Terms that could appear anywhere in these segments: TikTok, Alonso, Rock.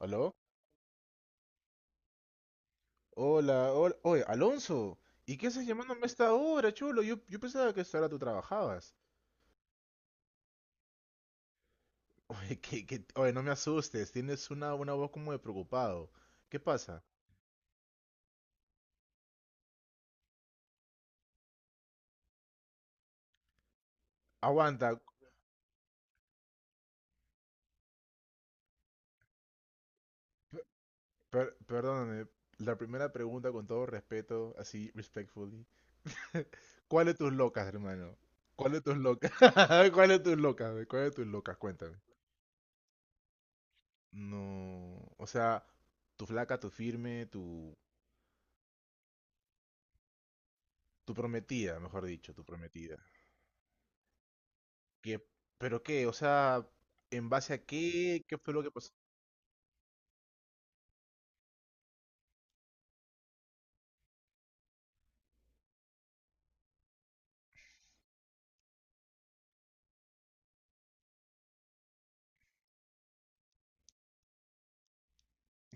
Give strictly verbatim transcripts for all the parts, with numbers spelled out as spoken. ¿Aló? Hola, hola. Oye, Alonso, ¿y qué haces llamándome a esta hora, chulo? Yo, yo pensaba que a esta hora tú trabajabas. Oye, que, que, oye, no me asustes, tienes una, una voz como de preocupado. ¿Qué pasa? Aguanta, per- perdóname. La primera pregunta con todo respeto, así, respectfully. ¿Cuál de tus locas, hermano? ¿Cuál de tus locas? ¿Cuál de tus locas? ¿Ve? ¿Cuál de tus locas? Cuéntame. No, o sea, tu flaca, tu firme, tu, tu prometida, mejor dicho, tu prometida. ¿Qué? ¿Pero qué? O sea, ¿en base a qué? ¿Qué fue lo que pasó?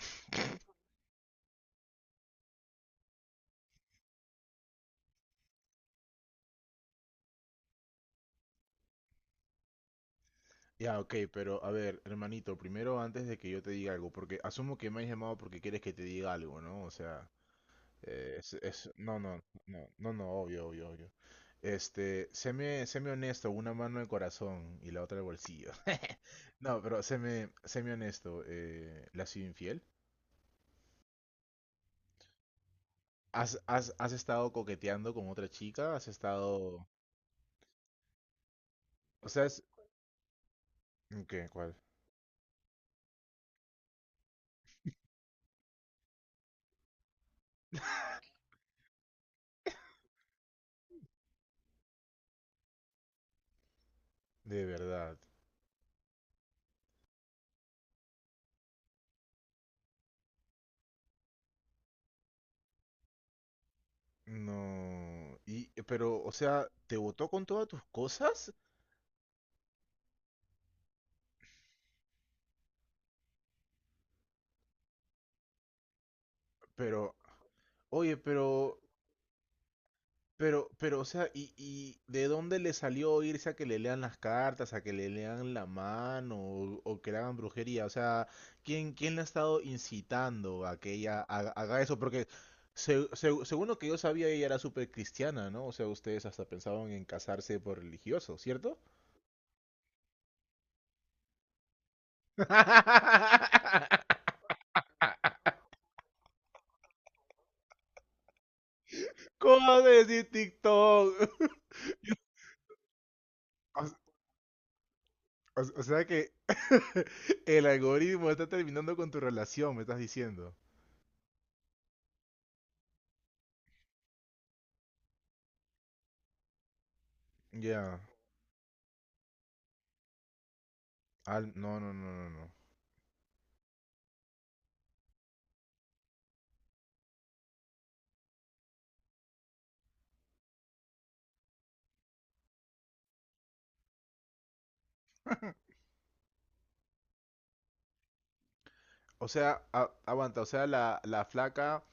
Ya, ok, pero a ver, hermanito, primero antes de que yo te diga algo, porque asumo que me has llamado porque quieres que te diga algo, ¿no? O sea, eh, es, es- no, no, no, no, no, obvio, obvio, obvio. Este, séme, séme honesto, una mano de corazón y la otra de bolsillo. No, pero séme, séme honesto, eh, ¿le has sido infiel? ¿Has, has, has estado coqueteando con otra chica? ¿Has estado...? O sea, es... ¿Qué? ¿Cuál? De verdad. No. Y, pero, o sea, te votó con todas tus cosas, pero, oye, pero, pero, pero, o sea, ¿y, ¿y de dónde le salió irse a que le lean las cartas, a que le lean la mano o, o que le hagan brujería? O sea, ¿quién, ¿quién le ha estado incitando a que ella haga, haga eso? Porque se- se- según lo que yo sabía, ella era súper cristiana, ¿no? O sea, ustedes hasta pensaban en casarse por religioso, ¿cierto? ¿Cómo decir TikTok? O, o- o sea que el algoritmo está terminando con tu relación, me estás diciendo. Ya. Al- No, no, no, no, no. O sea, a- aguanta, o sea, la, la flaca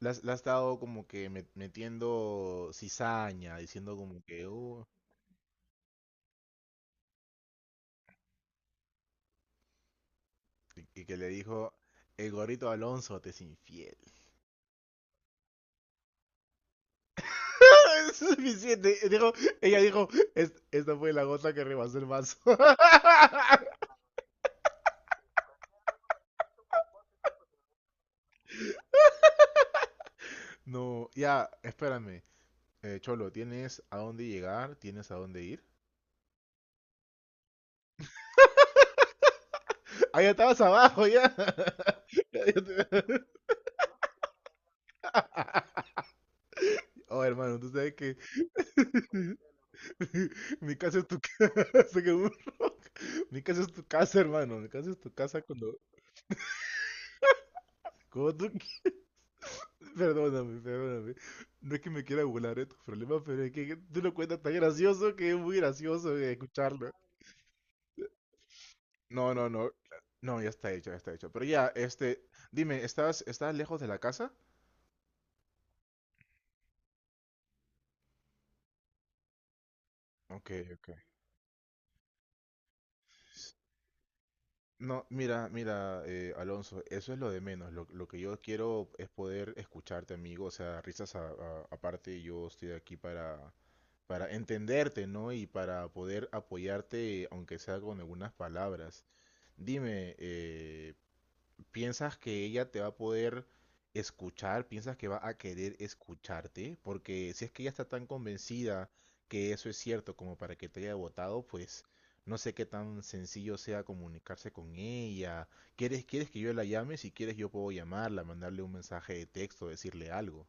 la, has- la ha estado como que met- metiendo cizaña, diciendo como que, "Uh", y, y que le dijo, el gorrito Alonso te es infiel. Es suficiente. Dijo, ella dijo, "Es- esta fue la gota que rebasó el vaso". No, ya, espérame. Eh, Cholo, ¿tienes a dónde llegar? ¿Tienes a dónde ir? ¡Ah, ya estabas abajo, ya! Ya, ya te- oh, hermano, tú sabes que mi casa es tu casa, según Rock. Mi casa es tu casa, hermano. Mi casa es tu casa cuando, cuando tú... qui- Perdóname, perdóname. No es que me quiera burlar de tus problemas, pero es que tú lo cuentas tan gracioso que es muy gracioso de escucharlo. No, no, no. No, ya está hecho, ya está hecho. Pero ya, este... Dime, ¿estás, estás lejos de la casa? Ok, ok. No, mira, mira, eh, Alonso, eso es lo de menos. Lo, lo que yo quiero es poder escucharte, amigo. O sea, risas a- a- aparte, yo estoy aquí para, para entenderte, ¿no? Y para poder apoyarte, aunque sea con algunas palabras. Dime, eh, ¿piensas que ella te va a poder escuchar? ¿Piensas que va a querer escucharte? Porque si es que ella está tan convencida que eso es cierto como para que te haya votado, pues no sé qué tan sencillo sea comunicarse con ella. ¿Quieres, quieres que yo la llame? Si quieres yo puedo llamarla, mandarle un mensaje de texto, decirle algo.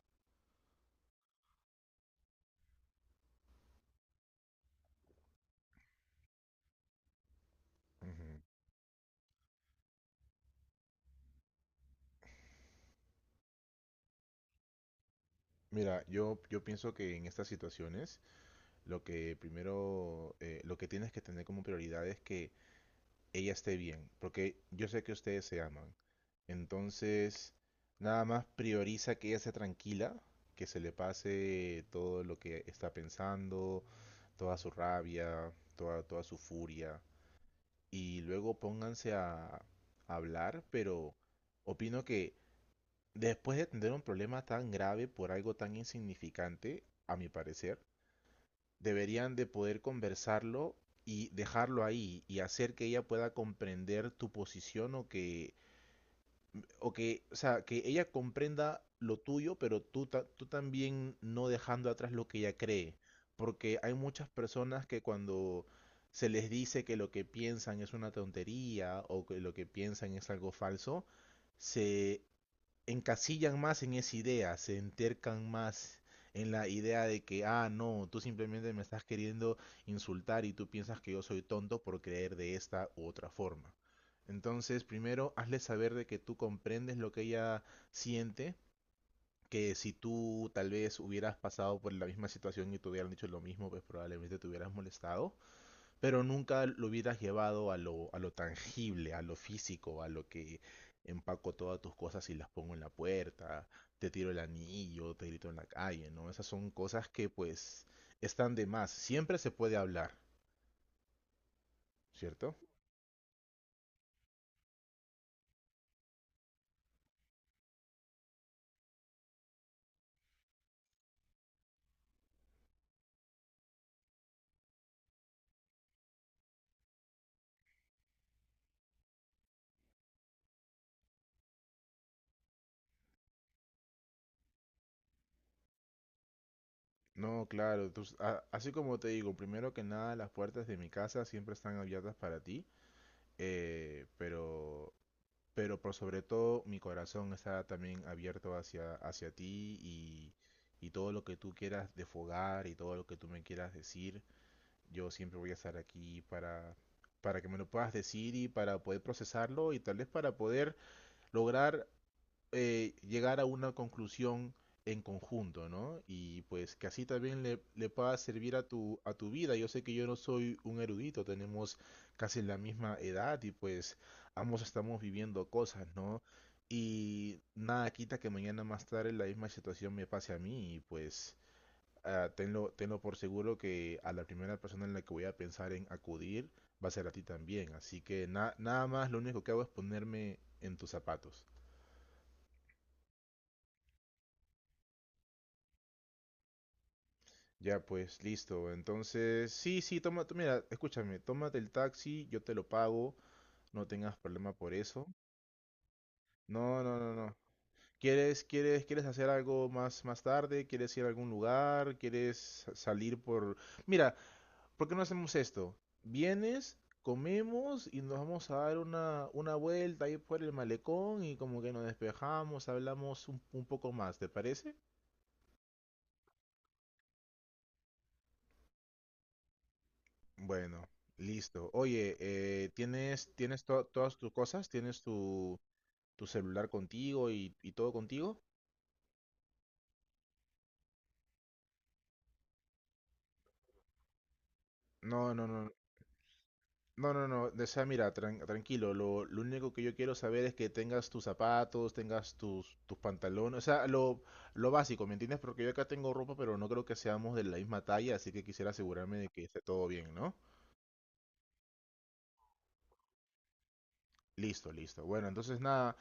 Ujú. Mira, yo, yo pienso que en estas situaciones lo que primero, eh, lo que tienes que tener como prioridad es que ella esté bien, porque yo sé que ustedes se aman. Entonces, nada más prioriza que ella sea tranquila, que se le pase todo lo que está pensando, toda su rabia, toda, toda su furia. Y luego pónganse a hablar, pero opino que después de tener un problema tan grave por algo tan insignificante, a mi parecer, deberían de poder conversarlo y dejarlo ahí y hacer que ella pueda comprender tu posición o que o que, o sea, que ella comprenda lo tuyo, pero tú, ta- tú también no dejando atrás lo que ella cree. Porque hay muchas personas que cuando se les dice que lo que piensan es una tontería o que lo que piensan es algo falso, se encasillan más en esa idea, se entercan más en la idea de que, ah, no, tú simplemente me estás queriendo insultar y tú piensas que yo soy tonto por creer de esta u otra forma. Entonces, primero, hazle saber de que tú comprendes lo que ella siente, que si tú tal vez hubieras pasado por la misma situación y te hubieran dicho lo mismo, pues probablemente te hubieras molestado, pero nunca lo hubieras llevado a lo, a lo tangible, a lo físico, a lo que empaco todas tus cosas y las pongo en la puerta, te tiro el anillo, te grito en la calle, ¿no? Esas son cosas que pues están de más. Siempre se puede hablar, ¿cierto? No, claro, tú- a- así como te digo, primero que nada las puertas de mi casa siempre están abiertas para ti, eh, pero pero por sobre todo, mi corazón está también abierto hacia, hacia ti y, y todo lo que tú quieras defogar y todo lo que tú me quieras decir, yo siempre voy a estar aquí para, para que me lo puedas decir y para poder procesarlo y tal vez para poder lograr eh, llegar a una conclusión en conjunto, ¿no? Y pues que así también le, le pueda servir a tu, a tu vida. Yo sé que yo no soy un erudito, tenemos casi la misma edad y pues ambos estamos viviendo cosas, ¿no? Y nada quita que mañana más tarde la misma situación me pase a mí y pues ah, tenlo, tenlo por seguro que a la primera persona en la que voy a pensar en acudir va a ser a ti también. Así que na- nada más, lo único que hago es ponerme en tus zapatos. Ya pues, listo. Entonces, sí, sí, toma, tú- mira, escúchame, tómate el taxi, yo te lo pago, no tengas problema por eso. No, no, no, no. ¿Quieres, quieres, quieres hacer algo más, más tarde? ¿Quieres ir a algún lugar? ¿Quieres sa- salir por... Mira, ¿por qué no hacemos esto? Vienes, comemos y nos vamos a dar una, una vuelta ahí por el malecón y como que nos despejamos, hablamos un, un poco más, ¿te parece? Bueno, listo. Oye, eh, ¿tienes, tienes to- todas tus cosas? ¿Tienes tu, tu celular contigo y, y todo contigo? No, no, no, no, no, no, no. O sea, mira, tran- tranquilo. Lo, lo único que yo quiero saber es que tengas tus zapatos, tengas tus, tus pantalones, o sea, lo, lo básico, ¿me entiendes? Porque yo acá tengo ropa, pero no creo que seamos de la misma talla, así que quisiera asegurarme de que esté todo bien, ¿no? Listo, listo. Bueno, entonces nada,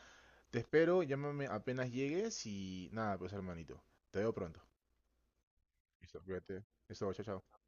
te espero, llámame apenas llegues y nada, pues hermanito, te veo pronto. Listo, cuídate. Eso, chao, chao.